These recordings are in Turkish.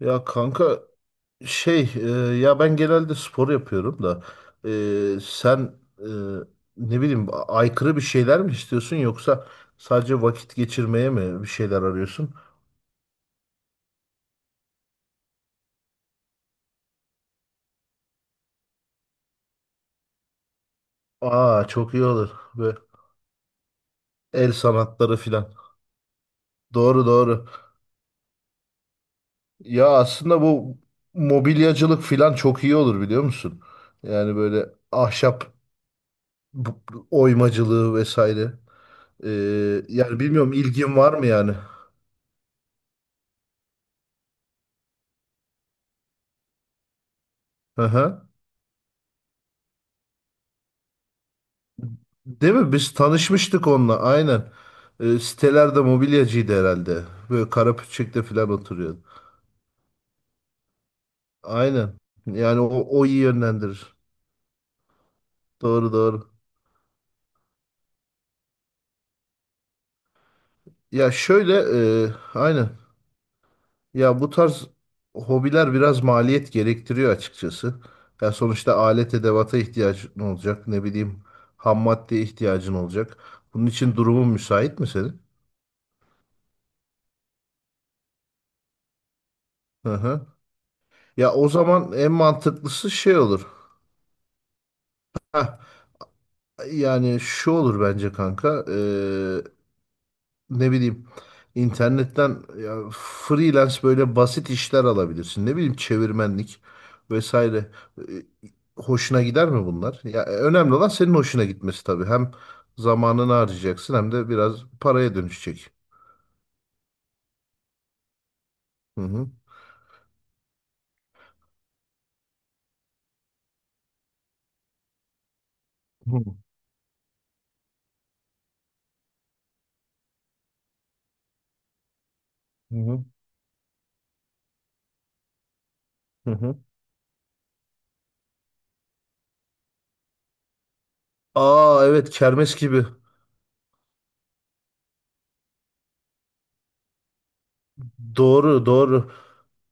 Ya kanka şey ya ben genelde spor yapıyorum da sen e, ne bileyim aykırı bir şeyler mi istiyorsun yoksa sadece vakit geçirmeye mi bir şeyler arıyorsun? Aa, çok iyi olur ve el sanatları filan. Doğru doğru. Ya aslında bu mobilyacılık filan çok iyi olur biliyor musun? Yani böyle ahşap oymacılığı vesaire. E, Yani bilmiyorum ilgin var mı yani? Hı hı. Değil mi? Biz tanışmıştık onunla. Aynen. Sitelerde mobilyacıydı herhalde. Böyle Karapürçek'te falan oturuyordu. Aynen. Yani o iyi yönlendirir. Doğru doğru. Ya şöyle, e, aynen. Ya bu tarz hobiler biraz maliyet gerektiriyor açıkçası. Ya sonuçta alet edevata ihtiyacın olacak. Ne bileyim, ham maddeye ihtiyacın olacak. Bunun için durumun müsait mi senin? Hı hı. Ya o zaman en mantıklısı şey olur. Heh, yani şu olur bence kanka. Ne bileyim, internetten ya, freelance böyle basit işler alabilirsin. Ne bileyim, çevirmenlik vesaire. Eee, Hoşuna gider mi bunlar? Ya, önemli olan senin hoşuna gitmesi tabii. Hem zamanını harcayacaksın hem de biraz paraya dönüşecek. Hı hı. Hı hı. Hı hı. Hı hı. Aa, evet, kermes gibi. Doğru, doğru.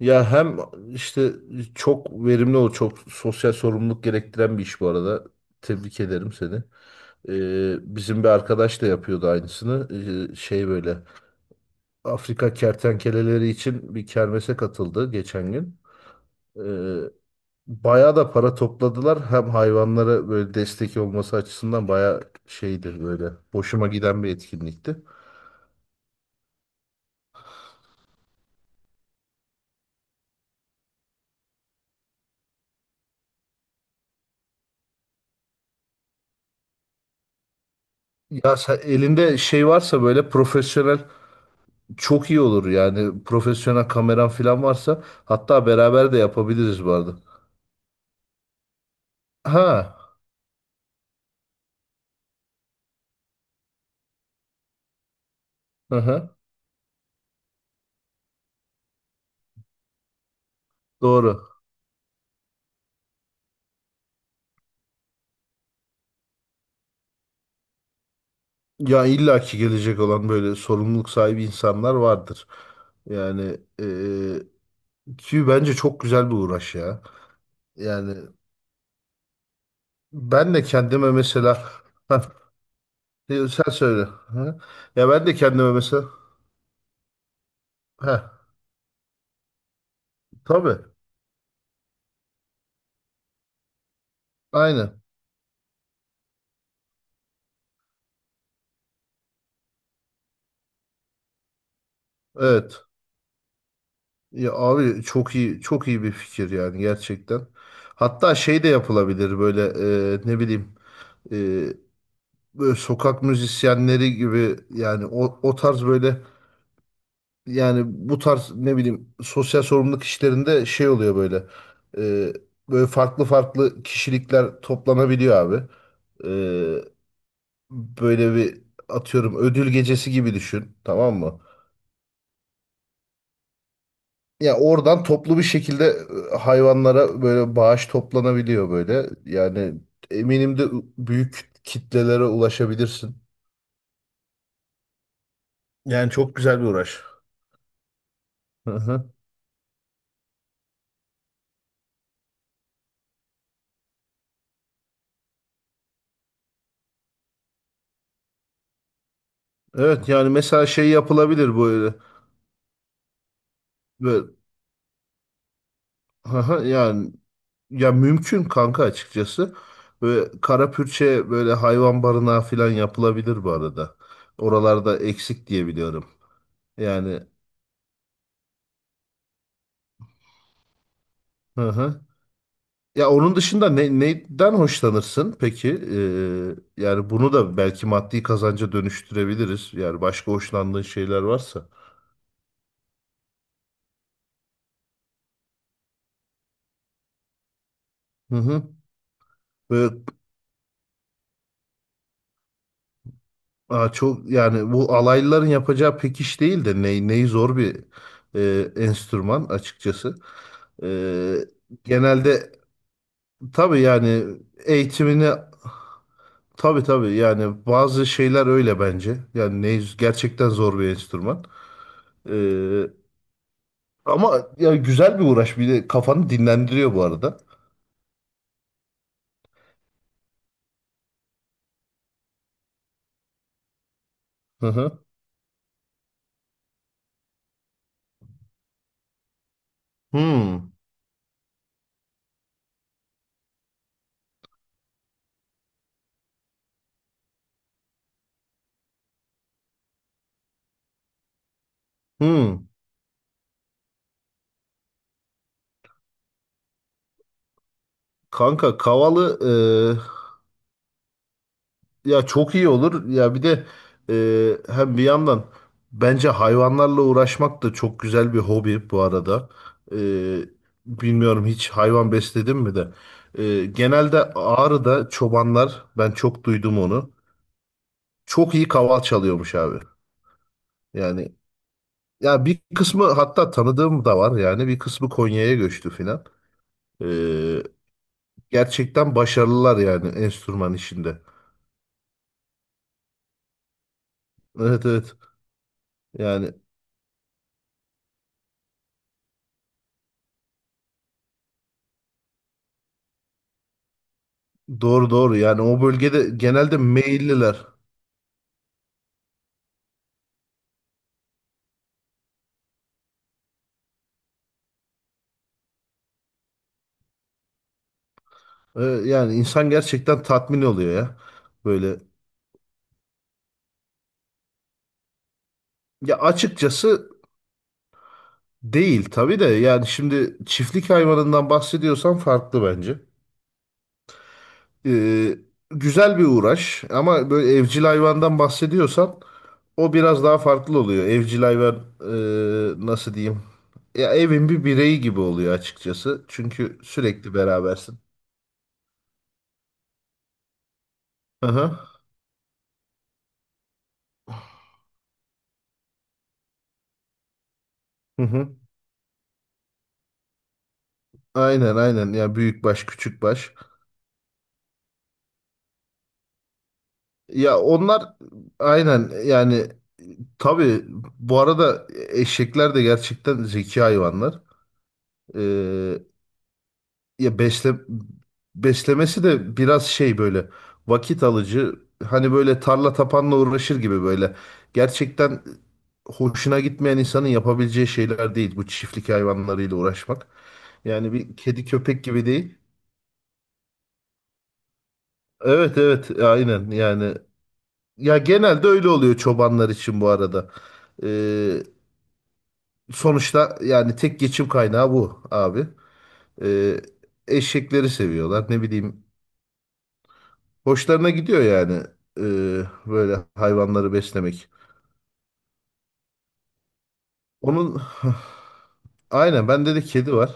Ya hem işte çok verimli, ol çok sosyal sorumluluk gerektiren bir iş bu arada. Tebrik ederim seni. Bizim bir arkadaş da yapıyordu aynısını. Şey böyle Afrika kertenkeleleri için bir kermese katıldı geçen gün. Ee, Bayağı da para topladılar. Hem hayvanlara böyle destek olması açısından bayağı şeydir böyle. Hoşuma giden bir etkinlikti. Ya sen elinde şey varsa böyle profesyonel. Çok iyi olur yani, profesyonel kameran falan varsa hatta beraber de yapabiliriz bu arada. Ha, hı hı, doğru. Ya illaki gelecek olan böyle sorumluluk sahibi insanlar vardır. Yani, ki bence çok güzel bir uğraş ya. Yani ben de kendime mesela ha, sen söyle. Ha? Ya ben de kendime mesela ha, tabii, aynen, evet. Ya abi çok iyi, çok iyi bir fikir yani, gerçekten. Hatta şey de yapılabilir böyle, ne bileyim, e, böyle sokak müzisyenleri gibi yani, o tarz böyle, yani bu tarz ne bileyim, sosyal sorumluluk işlerinde şey oluyor böyle, e, böyle farklı farklı kişilikler toplanabiliyor abi. E, Böyle bir, atıyorum, ödül gecesi gibi düşün, tamam mı? Ya oradan toplu bir şekilde hayvanlara böyle bağış toplanabiliyor böyle. Yani, eminim de, büyük kitlelere ulaşabilirsin. Yani çok güzel bir uğraş. Hı hı. Evet, yani mesela şey yapılabilir böyle. Böyle, hı hı, yani, ya mümkün kanka, açıkçası. Böyle kara pürçe böyle hayvan barınağı falan yapılabilir bu arada. Oralarda eksik diye biliyorum. Yani, hı hı. Ya onun dışında neyden hoşlanırsın peki? Yani bunu da belki maddi kazanca dönüştürebiliriz. Yani başka hoşlandığın şeyler varsa. Hı hı. Böyle, aa, çok, yani bu alaylıların yapacağı pek iş değil de neyi zor bir enstrüman açıkçası. Ee, Genelde, tabii yani, eğitimini, tabii tabii yani, bazı şeyler öyle bence. Yani ney gerçekten zor bir enstrüman. Ee, Ama ya, güzel bir uğraş. Bir de kafanı dinlendiriyor bu arada. Hı hı. Hmm. Hmm. Kanka Kavalı, ya çok iyi olur. Ya bir de hem bir yandan bence hayvanlarla uğraşmak da çok güzel bir hobi bu arada. E, Bilmiyorum, hiç hayvan besledim mi de. Genelde Ağrı'da çobanlar, ben çok duydum onu. Çok iyi kaval çalıyormuş abi. Yani ya, bir kısmı hatta tanıdığım da var yani, bir kısmı Konya'ya göçtü filan. Ee, Gerçekten başarılılar yani enstrüman işinde. Evet, evet. Yani doğru doğru. Yani o bölgede genelde meyilliler. Yani insan gerçekten tatmin oluyor ya. Böyle. Ya açıkçası değil tabii de. Yani şimdi çiftlik hayvanından bahsediyorsan farklı bence. Ee, Güzel bir uğraş ama böyle evcil hayvandan bahsediyorsan o biraz daha farklı oluyor. Evcil hayvan, nasıl diyeyim? Ya evin bir bireyi gibi oluyor açıkçası. Çünkü sürekli berabersin. Hı hı. Hı hı. Aynen aynen, ya büyük baş küçük baş. Ya onlar, aynen yani, tabii bu arada eşekler de gerçekten zeki hayvanlar. Ee, Ya beslemesi de biraz şey, böyle vakit alıcı. Hani böyle tarla tapanla uğraşır gibi böyle. Gerçekten hoşuna gitmeyen insanın yapabileceği şeyler değil bu çiftlik hayvanlarıyla uğraşmak. Yani bir kedi köpek gibi değil. Evet, evet, aynen yani. Ya genelde öyle oluyor çobanlar için bu arada. Ee, Sonuçta yani tek geçim kaynağı bu abi. Ee, Eşekleri seviyorlar, ne bileyim. Hoşlarına gidiyor yani böyle hayvanları beslemek. Onun. Aynen, bende de kedi var.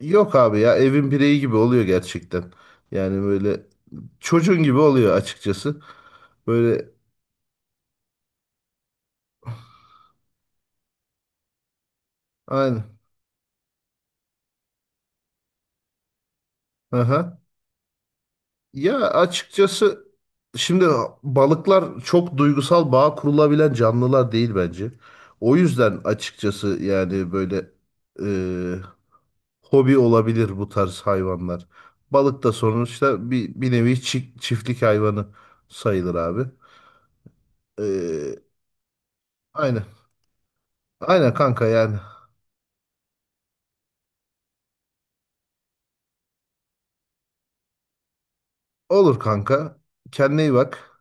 Yok abi ya, evin bireyi gibi oluyor gerçekten. Yani böyle çocuğun gibi oluyor açıkçası. Böyle. Aynen. Aha. Ya açıkçası, şimdi balıklar çok duygusal bağ kurulabilen canlılar değil bence. O yüzden açıkçası yani, böyle e, hobi olabilir bu tarz hayvanlar. Balık da sonuçta bir nevi çiftlik hayvanı sayılır abi. Ee, aynen. Aynen kanka yani. Olur kanka. Kendine iyi bak.